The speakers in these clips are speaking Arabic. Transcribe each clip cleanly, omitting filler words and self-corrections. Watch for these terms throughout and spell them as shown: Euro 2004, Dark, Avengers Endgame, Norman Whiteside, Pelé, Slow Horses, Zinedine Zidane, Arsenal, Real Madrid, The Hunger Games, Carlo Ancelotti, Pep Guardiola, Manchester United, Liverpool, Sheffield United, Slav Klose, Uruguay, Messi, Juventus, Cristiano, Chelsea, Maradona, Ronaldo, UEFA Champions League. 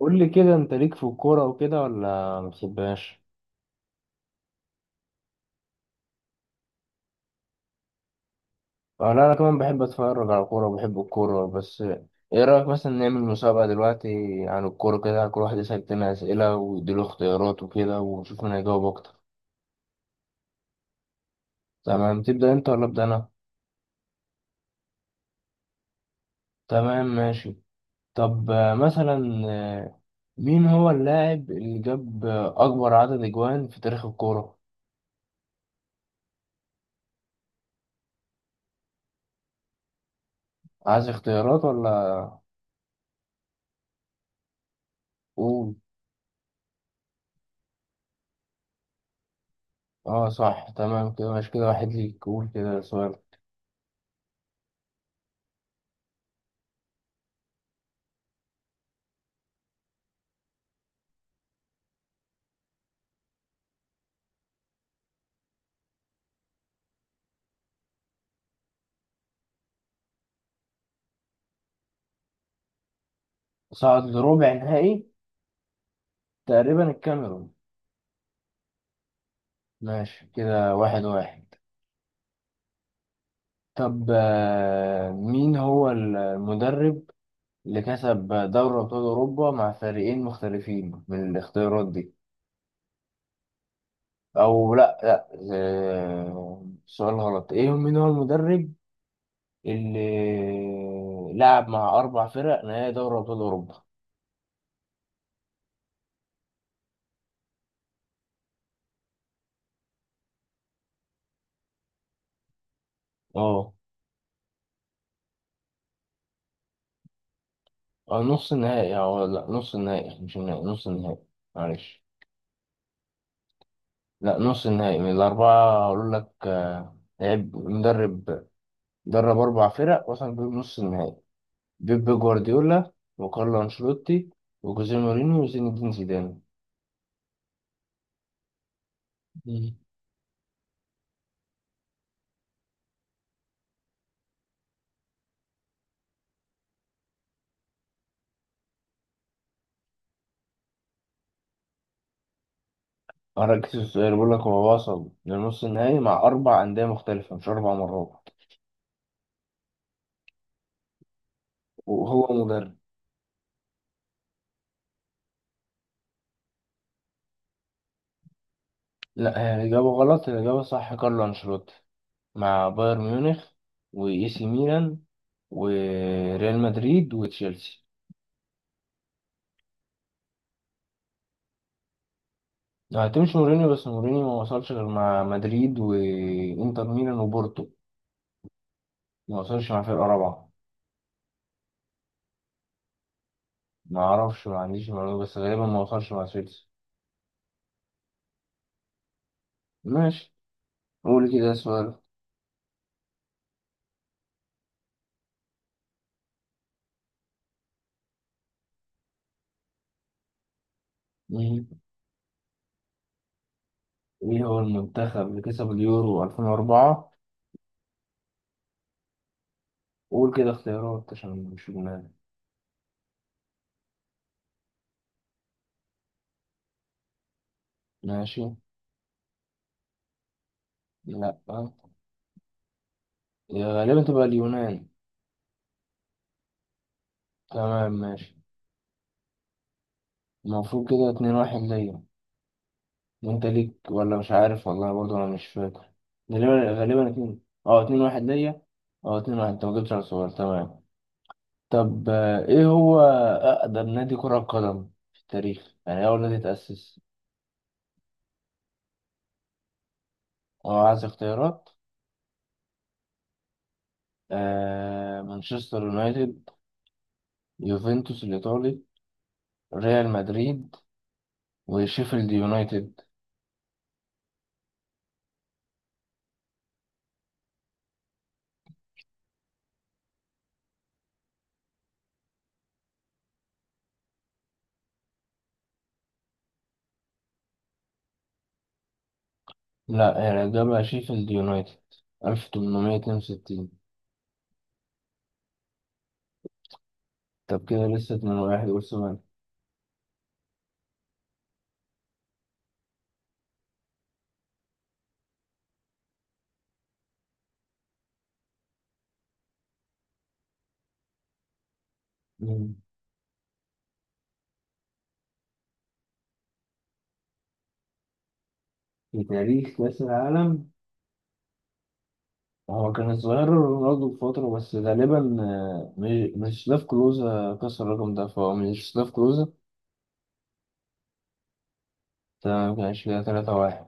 قول لي كده، انت ليك في الكورة وكده ولا ما بتحبهاش؟ اه لا، انا كمان بحب اتفرج على الكورة وبحب الكورة بس. ايه رأيك مثلا نعمل مسابقة دلوقتي عن الكورة كده؟ كل واحد يسأل تاني أسئلة ويديله اختيارات وكده، ونشوف مين هيجاوب اكتر. تمام، تبدأ انت ولا ابدأ انا؟ تمام ماشي. طب مثلا مين هو اللاعب اللي جاب اكبر عدد اجوان في تاريخ الكورة؟ عايز اختيارات ولا قول؟ اه صح، تمام كده ماشي، كده واحد ليك، قول كده سؤال. صعد لربع نهائي تقريبا الكاميرون. ماشي كده، واحد واحد. طب مين هو المدرب اللي كسب دوري أبطال أوروبا مع فريقين مختلفين من الاختيارات دي؟ أو لأ لأ، سؤال غلط. إيه، مين هو المدرب اللي لعب مع أربع فرق نهائي دوري أبطال أوروبا؟ أه. أو نص النهائي، أه لأ، نص النهائي مش النهائي، نص النهائي، معلش. لا، نص النهائي من الأربعة، أقول لك لعب مدرب درب أربع فرق وصل بيهم نص النهائي: بيب جوارديولا، وكارلو أنشيلوتي، وجوزيه مورينيو، وزين الدين زيدان. مم. أنا ركزت في السؤال بقول لك هو وصل لنص النهائي مع أربع أندية مختلفة مش أربع مرات، وهو مدرب. لا، هي الإجابة غلط، الإجابة صح كارلو أنشيلوتي مع بايرن ميونخ وإي سي ميلان وريال مدريد وتشيلسي. هتمشي مورينيو، بس مورينيو ما وصلش غير مع مدريد وانتر ميلان وبورتو، ما وصلش مع فرقة رابعة. ما اعرفش، ما عنديش معلومة، بس غالبا ما وصلش مع سويسرا. ماشي، قول كده سؤال. مم. ايه هو المنتخب اللي كسب اليورو 2004؟ قول كده اختيارات عشان مش اليونان، ماشي. لا، يا غالبا تبقى اليونان. تمام ماشي. المفروض كده اتنين واحد ليا. انت ليك ولا مش عارف؟ والله برضه انا مش فاكر، غالبا غالبا اتنين، اه اتنين واحد ليا. اه اتنين واحد، انت ما جبتش على الصغير، تمام. طب ايه هو اقدم نادي كرة قدم في التاريخ؟ يعني إيه اول نادي اتأسس؟ اه عايز اختيارات. مانشستر يونايتد، يوفنتوس الايطالي، ريال مدريد، وشيفيلد يونايتد. لا، هي الاجابة شيفيلد يونايتد 1862. طب كده لسه 2 واحد، قول سؤال. مم. في تاريخ كأس العالم، هو كان الظاهر رونالدو بفترة، بس غالبا مش سلاف كلوزا كسر الرقم ده، فهو مش سلاف كلوزا. تمام، كان كده تلاتة واحد.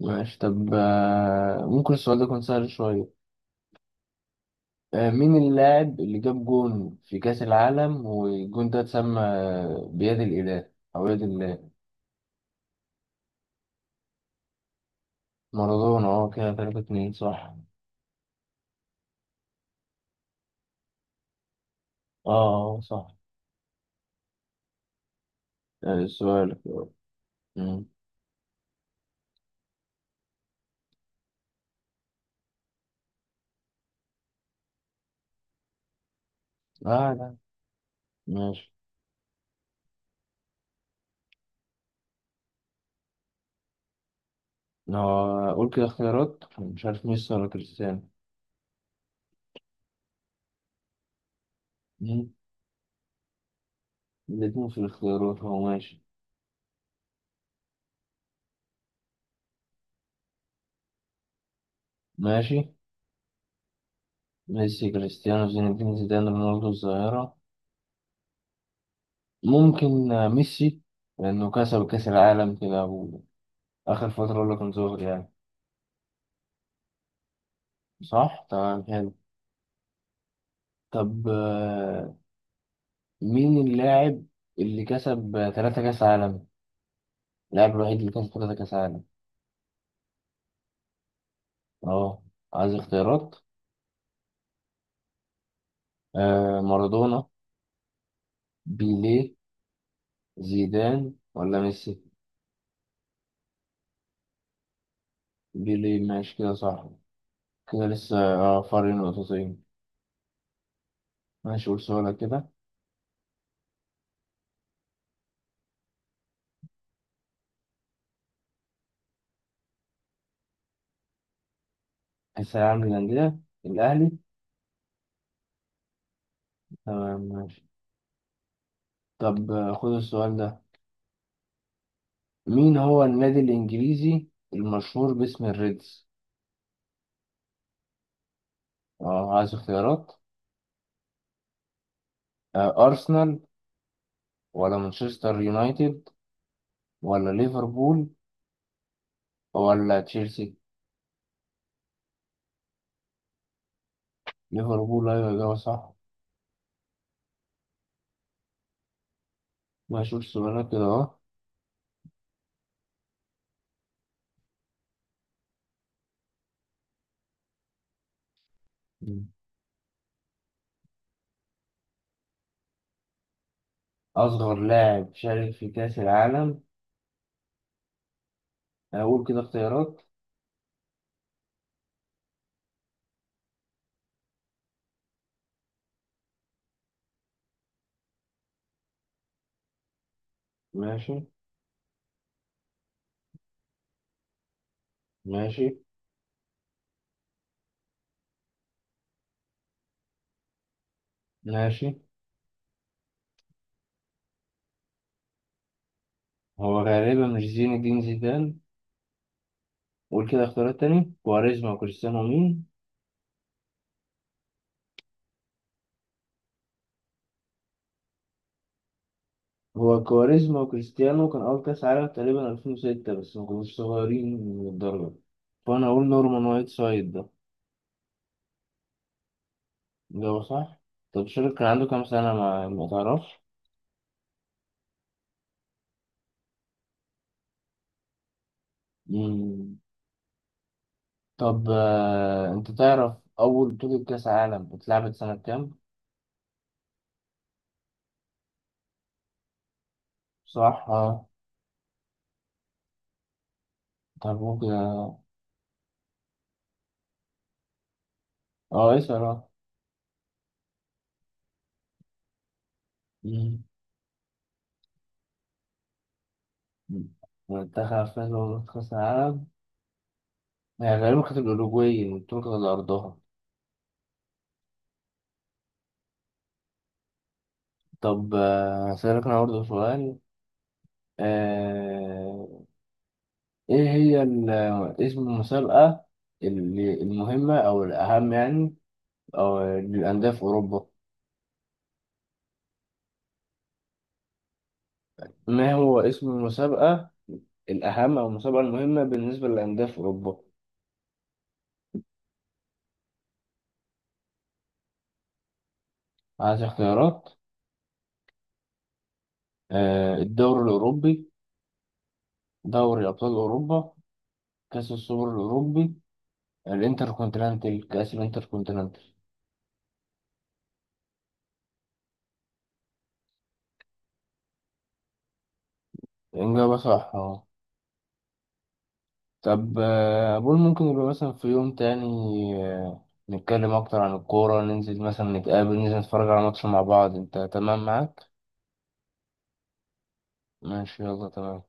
ماشي، طب ممكن السؤال ده يكون سهل شوية. مين اللاعب اللي جاب جون في كأس العالم والجون ده اتسمى بيد الإله أو يد الله؟ مارادونا، اه كده تلاتة اتنين، صح. اه، صح. سؤالك. مم. اه لا، ماشي. أنا هقول كده اختيارات، مش عارف ميسي ولا كريستيانو. الاتنين في الاختيارات هو، ماشي. ماشي. ميسي، كريستيانو، زين الدين زيدان، رونالدو الظاهرة. ممكن ميسي، لأنه كسب كأس العالم كده، وآخر فترة اللي كان ظاهر يعني. صح تمام، حلو. طب مين اللاعب اللي كسب تلاتة كأس عالم، اللاعب الوحيد اللي كسب تلاتة كأس عالم؟ اه عايز اختيارات. مارادونا، بيليه، زيدان ولا ميسي. بيليه، ماشي كده صح. كده لسه اه فرق نقطتين. ماشي، قول سؤالك كده. الثانوية العامة للأندية، الأهلي. تمام ماشي. طب خد السؤال ده. مين هو النادي الإنجليزي المشهور باسم الريدز؟ اه عايز اختيارات. أرسنال، ولا مانشستر يونايتد، ولا ليفربول، ولا تشيلسي. ليفربول، أيوة إجابة صح. ماشي، قول سؤالك كده أهو. مم. أصغر لاعب شارك في كأس العالم. أقول كده اختيارات. ماشي ماشي ماشي. هو غالبا مش زين الدين زيدان. قول كده اختيارات تاني، كواريزما وكريستيانو مين؟ هو كواريزما وكريستيانو كان أول كأس عالم تقريبا 2006، بس ما كانوش صغيرين للدرجة، فأنا أقول نورمان وايت سايد ده. الإجابة صح. طب شارك كان عنده كام سنة، ما تعرفش؟ مم. طب أنت تعرف أول بطولة كأس عالم اتلعبت سنة كام؟ صح اه. طب ممكن اه. اسأل اه. مم. منتخب فاز بكأس العالم. هي غالبا كانت الأوروجواي، البطولة كانت على أرضها. طب هسألك أنا برضه سؤال. آه، إيه هي اسم المسابقة اللي المهمة أو الأهم يعني، أو للأندية في أوروبا؟ ما هو اسم المسابقة الأهم أو المسابقة المهمة بالنسبة للأندية في أوروبا؟ عايز اختيارات. الدوري الأوروبي، دوري أبطال أوروبا، كأس السوبر الأوروبي، الانتركونتيننتال، كأس الانتركونتيننتال. إجابة صح أهو. طب أقول ممكن يبقى مثلا في يوم تاني نتكلم أكتر عن الكورة، ننزل مثلا نتقابل، ننزل نتفرج على ماتش مع بعض، أنت تمام معاك؟ ماشي يلا تمام.